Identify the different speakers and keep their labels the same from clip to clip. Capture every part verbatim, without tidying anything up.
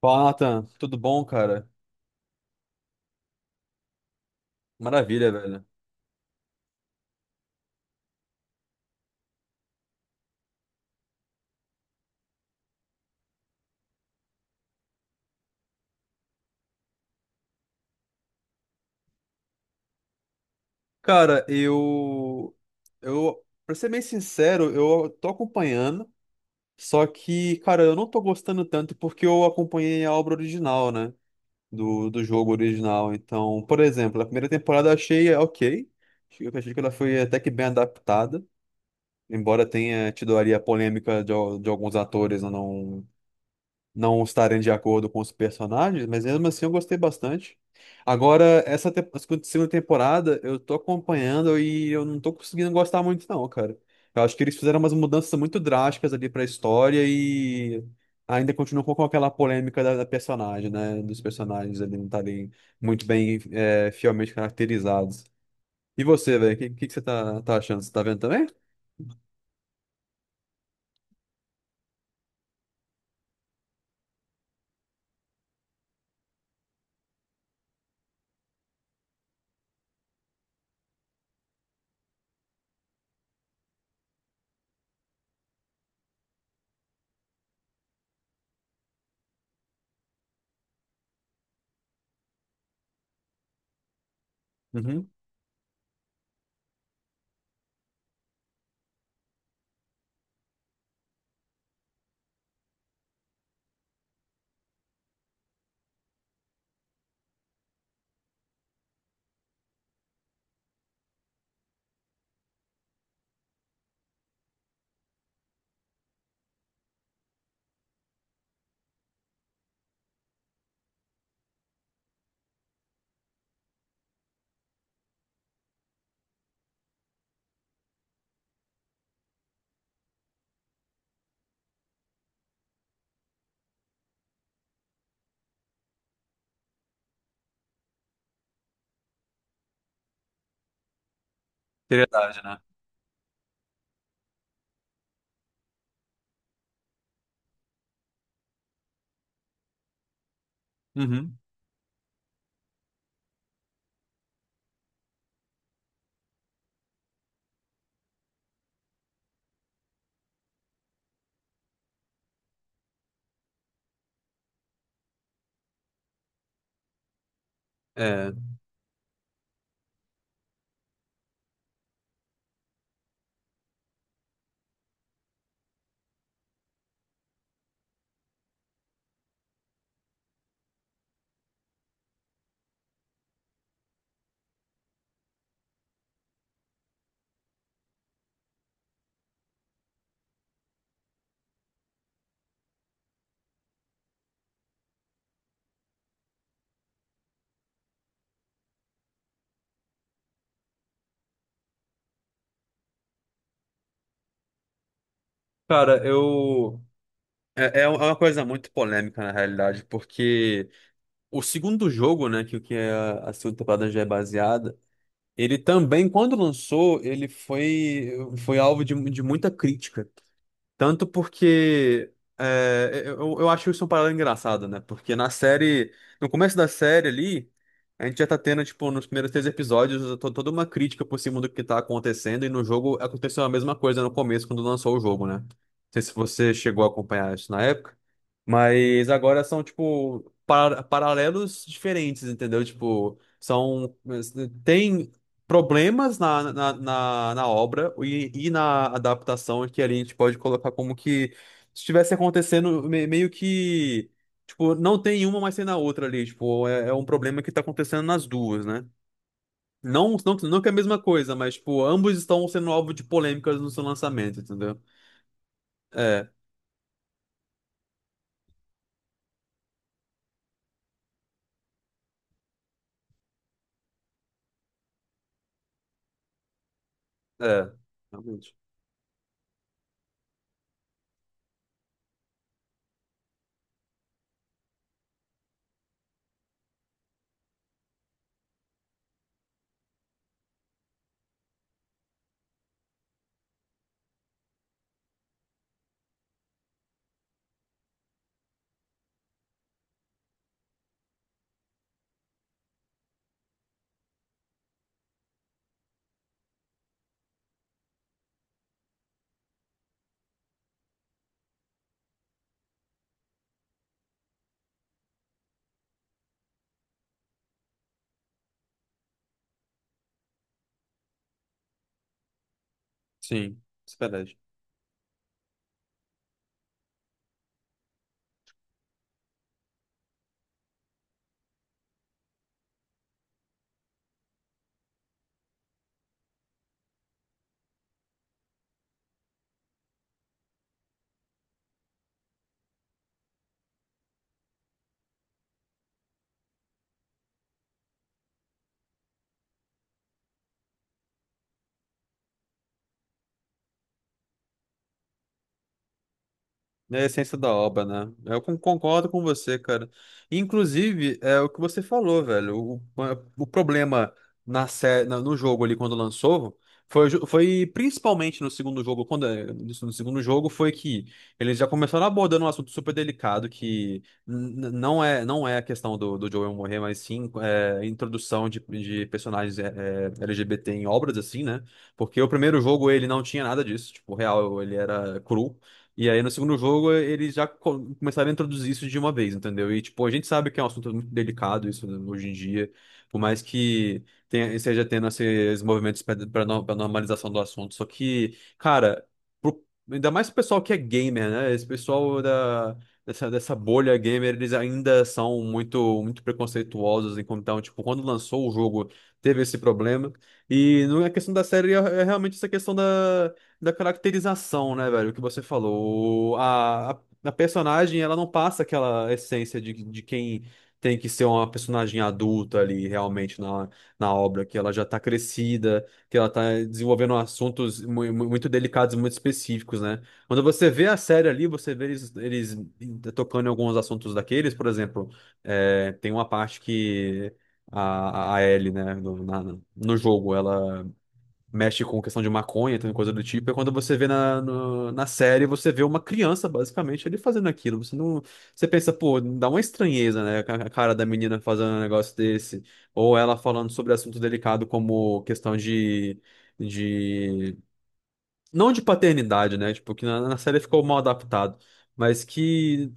Speaker 1: Fala, Nathan. Tudo bom, cara? Maravilha, velho. Cara, eu. Eu. pra ser bem sincero, eu tô acompanhando, só que, cara, eu não tô gostando tanto porque eu acompanhei a obra original, né? Do, do jogo original. Então, por exemplo, a primeira temporada eu achei ok. Eu achei que ela foi até que bem adaptada, embora tenha tido ali a polêmica de, al- de alguns atores não não estarem de acordo com os personagens, mas mesmo assim eu gostei bastante. Agora, essa te- a segunda segunda temporada eu tô acompanhando e eu não tô conseguindo gostar muito, não, cara. Eu acho que eles fizeram umas mudanças muito drásticas ali pra história e ainda continuam com aquela polêmica da, da personagem, né? Dos personagens ali não estarem muito bem, é, fielmente caracterizados. E você, velho, o que, que, que você tá, tá achando? Você tá vendo também? Uhum. Seriedade, né? Uhum. É. Cara, eu. É, é é uma coisa muito polêmica, na realidade, porque o segundo jogo, né, que, que é a, a segunda temporada já é baseada, ele também, quando lançou, ele foi, foi alvo de, de muita crítica. Tanto porque é, eu, eu acho isso um paralelo engraçado, né? Porque na série, no começo da série ali, a gente já tá tendo, tipo, nos primeiros três episódios, to- toda uma crítica por cima do que tá acontecendo, e no jogo aconteceu a mesma coisa no começo, quando lançou o jogo, né? Não sei se você chegou a acompanhar isso na época. Mas agora são, tipo, par- paralelos diferentes, entendeu? Tipo, são. Tem problemas na, na, na, na obra e, e na adaptação que ali a gente pode colocar como que estivesse acontecendo me- meio que. Tipo, não tem uma, mas tem na outra ali. Tipo, é, é um problema que tá acontecendo nas duas, né? Não, não, não que é a mesma coisa, mas, tipo, ambos estão sendo alvo de polêmicas no seu lançamento, entendeu? É, é, realmente. Sim, isso é verdade. É a essência da obra, né? Eu con- concordo com você, cara. Inclusive, é o que você falou, velho. O, o problema na, sé- na- no jogo ali quando lançou foi, ju- foi principalmente no segundo jogo, quando é, no no segundo jogo foi que eles já começaram abordando um assunto super delicado que n- n- não é não é a questão do, do Joel morrer, mas sim é, introdução de, de personagens é, é, L G B T em obras assim, né? Porque o primeiro jogo ele não tinha nada disso, tipo, real, ele era cru. E aí, no segundo jogo, eles já co- começaram a introduzir isso de uma vez, entendeu? E, tipo, a gente sabe que é um assunto muito delicado isso, né, hoje em dia, por mais que tenha, seja tendo assim, esses movimentos para normalização do assunto. Só que, cara, pro- ainda mais o pessoal que é gamer, né? Esse pessoal da, dessa, dessa bolha gamer, eles ainda são muito, muito preconceituosos. Enquanto, Então, tipo, quando lançou o jogo, teve esse problema. E não é questão da série, é é realmente essa questão da da caracterização, né, velho? Que você falou. O- A, a, a personagem, ela não passa aquela essência de, de quem tem que ser uma personagem adulta ali, realmente, na, na obra, que ela já tá crescida, que ela tá desenvolvendo assuntos mu- mu- muito delicados, muito específicos, né? Quando você vê a série ali, você vê eles, eles tocando em alguns assuntos daqueles, por exemplo, é, tem uma parte que. A, a a Ellie, né, no, na- no jogo, mexe com questão de maconha, tem coisa do tipo, é quando você vê na, no- na série, você vê uma criança, basicamente, ele fazendo aquilo. Você não, você pensa, pô, dá uma estranheza, né? A a cara da menina fazendo um negócio desse, ou ela falando sobre assunto delicado como questão de, de, não de paternidade, né? Tipo, que na, na série ficou mal adaptado, mas que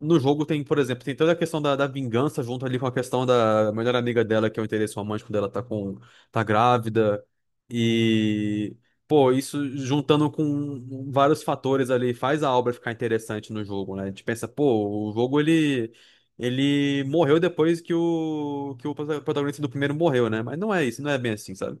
Speaker 1: no jogo tem, por exemplo, tem toda a questão da, da vingança junto ali com a questão da melhor amiga dela, que é o interesse romântico dela, tá com, tá grávida. E, pô, isso juntando com vários fatores ali faz a obra ficar interessante no jogo, né? A gente pensa, pô, o jogo ele. ele morreu depois que o, que o protagonista do primeiro morreu, né? Mas não é isso, não é bem assim, sabe?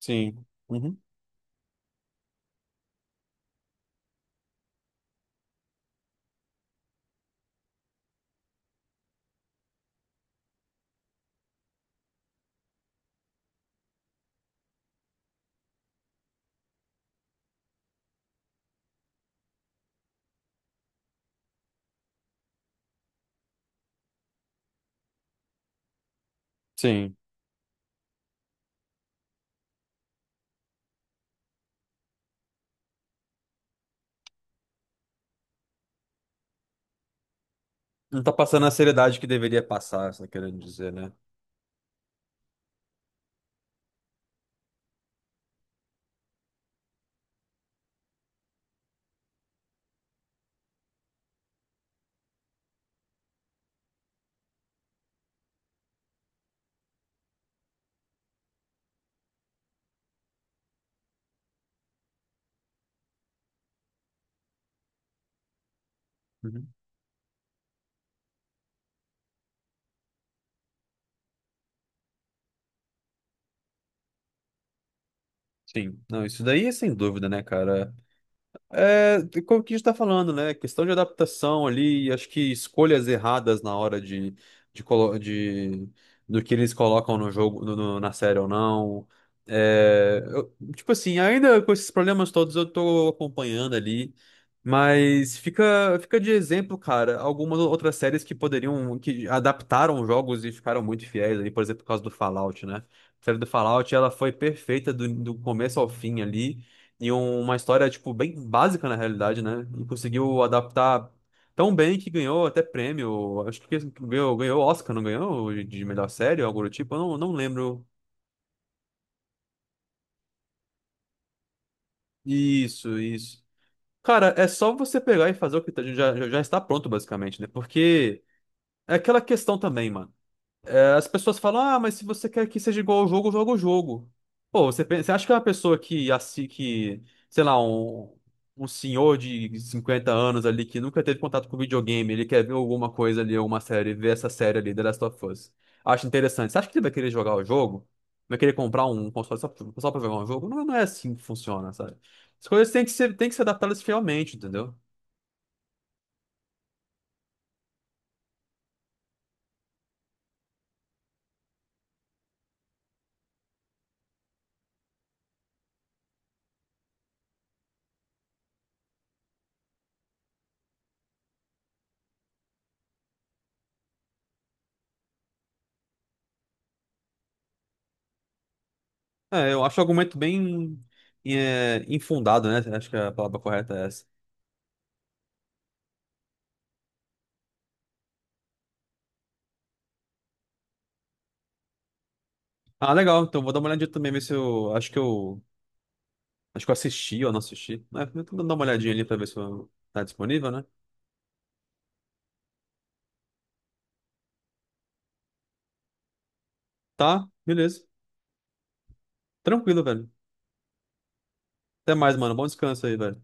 Speaker 1: Sim. Uhum. Sim. Não tá passando a seriedade que deveria passar, você tá querendo dizer, né? Uhum. Sim. Não, isso daí é sem dúvida, né, cara? É, como que a gente tá falando, né? Questão de adaptação ali, acho que escolhas erradas na hora de, de, colo- de- do que eles colocam no jogo, no- no- na série ou não. É, eu- tipo assim, ainda com esses problemas todos eu tô acompanhando ali, mas fica, fica de exemplo, cara, algumas outras séries que poderiam, que adaptaram jogos e ficaram muito fiéis ali, por exemplo, por causa do Fallout, né? A série do Fallout, ela foi perfeita do do começo ao fim ali. E um- uma história, tipo, bem básica na realidade, né? E conseguiu adaptar tão bem que ganhou até prêmio. Acho que ganhou, ganhou Oscar, não ganhou? De de melhor série ou algo do tipo? Eu não, não lembro. Isso, isso. Cara, é só você pegar e fazer o que tá- já, já já está pronto, basicamente, né? Porque é aquela questão também, mano. As pessoas falam, ah, mas se você quer que seja igual ao jogo, joga o jogo. Pô, você, pe- você acha que é uma pessoa que, assim, que, sei lá, um, um senhor de cinquenta anos ali que nunca teve contato com videogame, ele quer ver alguma coisa ali, alguma série, ver essa série ali, The Last of Us. Acha interessante. Você acha que ele vai querer jogar o jogo? Vai querer comprar um console só, pra- só pra jogar um jogo? Não, não é assim que funciona, sabe? As coisas têm que ser, têm que ser adaptadas fielmente, entendeu? É, eu acho o argumento bem é, infundado, né? Acho que a palavra correta é essa. Ah, legal. Então vou dar uma olhadinha também, ver se eu. Acho que eu. Acho que eu assisti ou não assisti. É, eu tô dando uma olhadinha ali pra ver se eu... tá disponível, né? Tá, beleza. Tranquilo, velho. Até mais, mano. Bom descanso aí, velho.